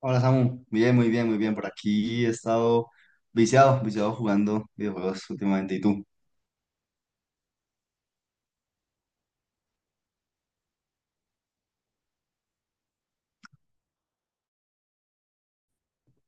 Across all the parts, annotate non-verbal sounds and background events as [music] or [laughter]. Hola Samu, bien, muy bien, muy bien. Por aquí he estado viciado, viciado jugando videojuegos últimamente. ¿Y tú?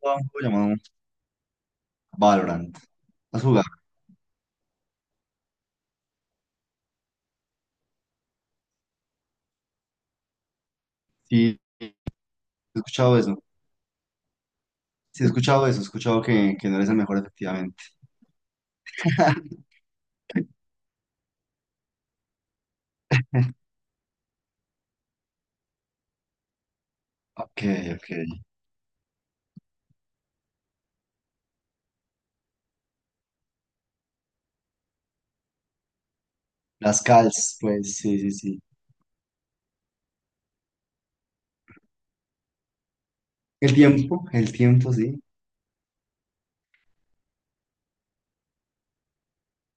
Jugaba un juego llamado Valorant. ¿Has jugado? Sí, he escuchado eso. Sí, he escuchado eso. He escuchado que no eres el mejor, efectivamente. [laughs] Ok, ok. Las calls, pues sí, sí, sí. El tiempo, sí.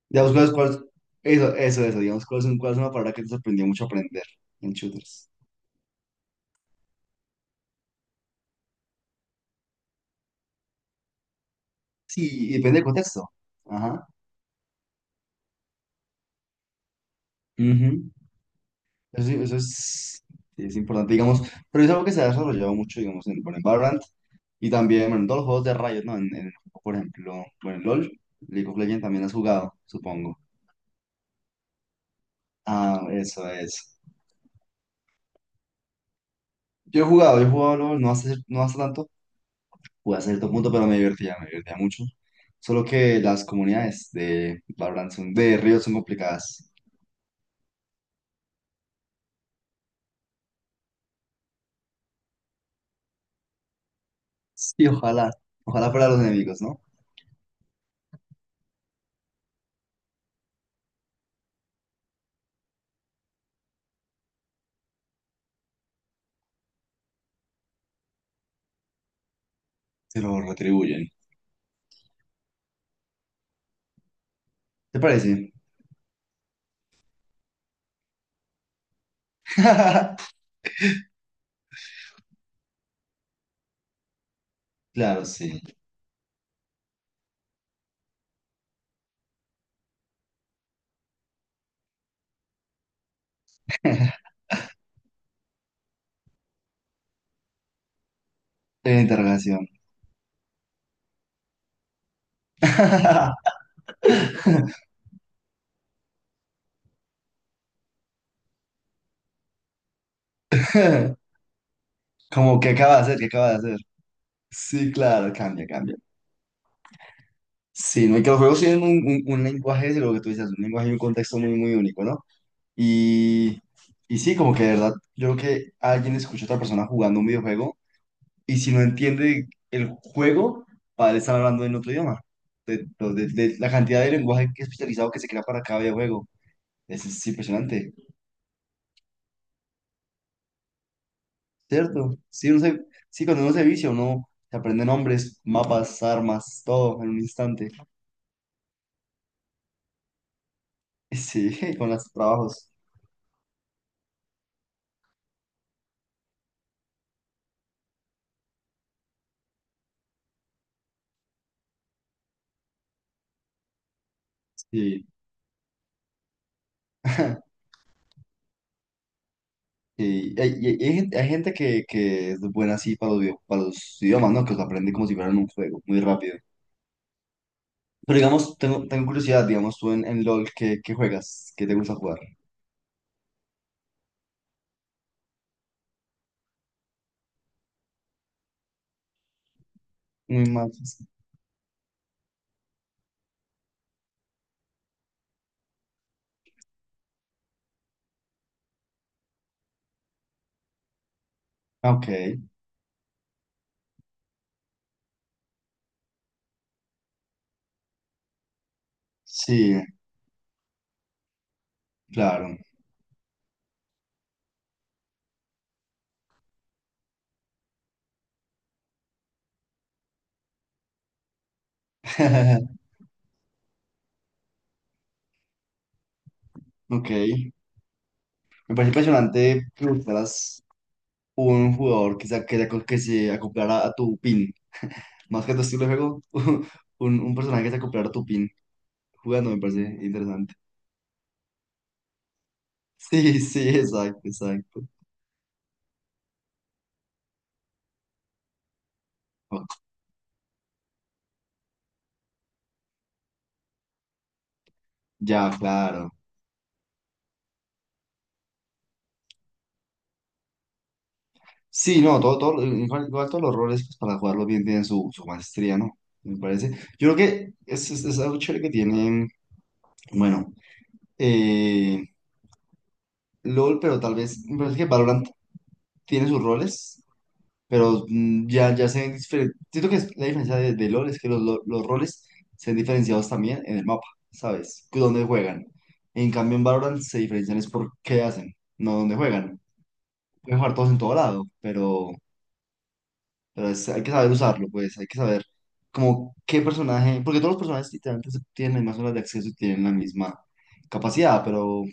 Digamos, eso, eso, eso. Digamos, ¿cuál es una palabra que te sorprendió mucho aprender en shooters? Sí, y depende del contexto. Ajá. Eso es, sí, es importante, digamos, pero es algo que se ha desarrollado mucho, digamos, en, bueno, en Valorant y también, bueno, en todos los juegos de Riot, ¿no? En, por ejemplo, bueno, en LoL, League of Legends también has jugado, supongo. Ah, eso es. Yo he jugado LoL, no hace tanto, jugué a cierto punto, pero me divertía mucho. Solo que las comunidades de Valorant son, de Riot son complicadas. Sí, ojalá fuera los enemigos, ¿no? Se lo retribuyen. ¿Te parece? [laughs] Claro, sí. [laughs] Punto interrogación. [laughs] Como, ¿qué acaba de hacer? ¿Qué acaba de hacer? Sí, claro, cambia, cambia. Sí, no, y que los juegos tienen un, un lenguaje, de lo que tú dices, un lenguaje y un contexto muy, muy único, ¿no? Y, y sí, como que de verdad, yo creo que alguien escucha a otra persona jugando un videojuego y si no entiende el juego, para él estar hablando en otro idioma. De la cantidad de lenguaje que especializado que se crea para cada videojuego. Es impresionante. ¿Cierto? Sí, sí, cuando uno se vicia, uno se aprende nombres, mapas, armas, todo en un instante. Sí, [laughs] con los trabajos. Sí. [laughs] Y hay, y hay- y hay gente que es buena así para para los idiomas, ¿no? Que los aprende como si fueran un juego, muy rápido. Pero digamos, tengo curiosidad, digamos, tú en LOL, ¿qué juegas? ¿Qué te gusta jugar? Muy mal. Ok, sí, claro. [laughs] Ok. Me parece impresionante que buscaras un jugador que se acoplara a tu pin. [laughs] Más que a tu estilo de juego, [laughs] un personaje que se acoplara a tu pin jugando me parece interesante. [laughs] Sí, sí, exacto, exacto. Ok, ya, claro. Sí, no, todo, todo, igual, igual todos los roles pues, para jugarlo bien tienen su maestría, ¿no? Me parece. Yo creo que es algo chévere que tienen bueno, eh, LOL, pero tal vez, me parece que Valorant tiene sus roles pero ya, ya se ven diferentes. Siento que es la diferencia de LoL es que los roles se ven diferenciados también en el mapa, ¿sabes? Que dónde juegan. En cambio, en Valorant se diferencian es por qué hacen, no dónde juegan. Pueden jugar todos en todo lado, pero hay que saber usarlo, pues hay que saber como qué personaje, porque todos los personajes literalmente tienen las mismas horas de acceso y tienen la misma capacidad, pero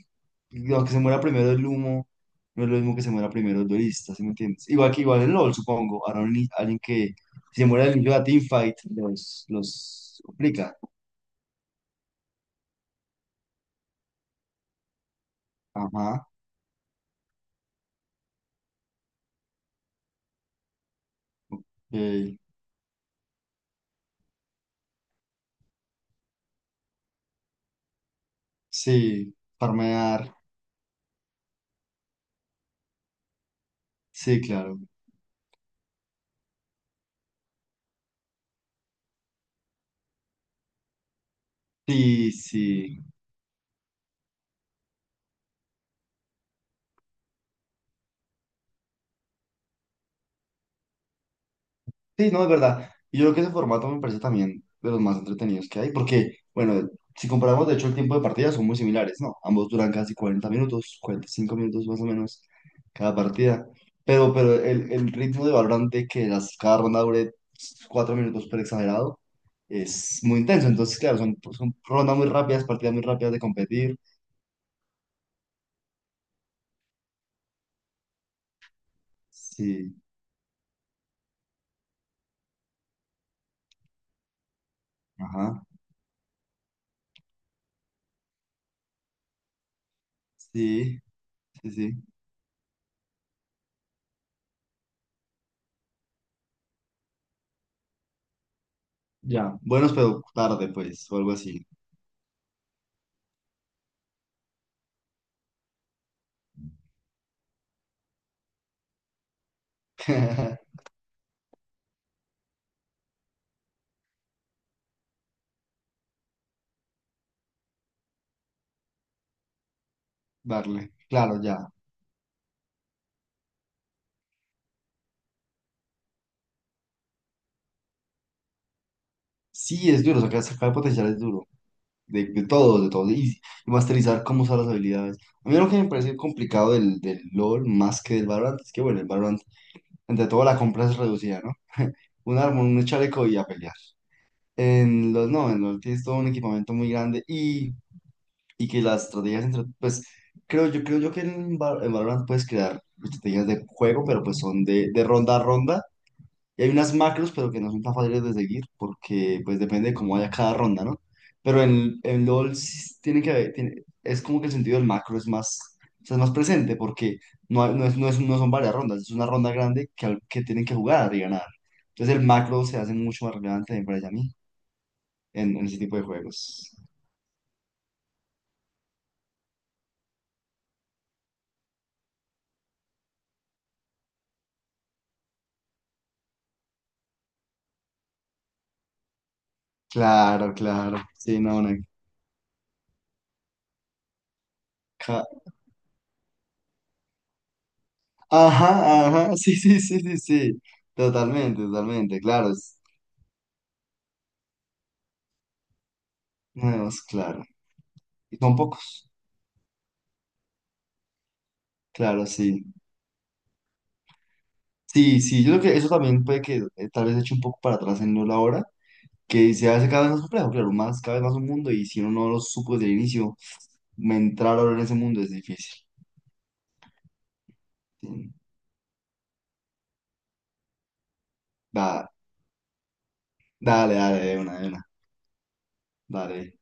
lo que se muera primero el humo, no es lo mismo que se muera primero el duelista, ¿sí me entiendes? Igual que igual en LOL, supongo. Ahora un ni- alguien que si se muere el inicio de la teamfight, los complica. Ajá. eh, sí, farmear. Sí, claro. Sí, sí. Sí, no, es verdad. Y yo creo que ese formato me parece también de los más entretenidos que hay, porque, bueno, si comparamos, de hecho, el tiempo de partida son muy similares, ¿no? Ambos duran casi 40 minutos, 45 minutos más o menos cada partida, pero el ritmo de Valorant de que cada ronda dure 4 minutos por exagerado es muy intenso. Entonces, claro, son rondas muy rápidas, partidas muy rápidas de competir. Sí, ajá, sí, sí, sí. Ya, buenos pero tarde, pues, o algo así. [laughs] Darle, claro, ya. Sí, es duro, sacar potencial es duro, de todos, de todos, y masterizar cómo usar las habilidades. A mí lo que me parece complicado del LoL más que del Valorant es que, bueno, el Valorant, entre todo, la compra es reducida, ¿no? Un arma, un chaleco y a pelear. En los, no, en LoL tienes todo un equipamiento muy grande y que las estrategias entre, pues, creo yo que en Valorant puedes crear estrategias de juego, pero pues son de ronda a ronda y hay unas macros, pero que no son tan fáciles de seguir porque pues depende de cómo vaya cada ronda, ¿no? Pero en LOL sí tiene que haber, es como que el sentido del macro es más, o sea, es más presente porque no son varias rondas, es una ronda grande que tienen que jugar y ganar. Entonces el macro se hace mucho más relevante, me parece a mí, en ese tipo de juegos. Claro, claro. Sí, no, no. ca- Ajá, ajá, [laughs] sí, sí, sí, sí, sí. Totalmente, totalmente, claro. Es, no, es claro. Y son pocos, claro, sí. Sí, sí, yo creo que eso también puede que tal vez eche un poco para atrás en no la hora, que se hace cada vez más complejo, claro, más, cada vez más un mundo, y si uno no lo supo desde el inicio, entrar ahora en ese mundo es difícil. Sí. Da- dale, dale, de una, dale.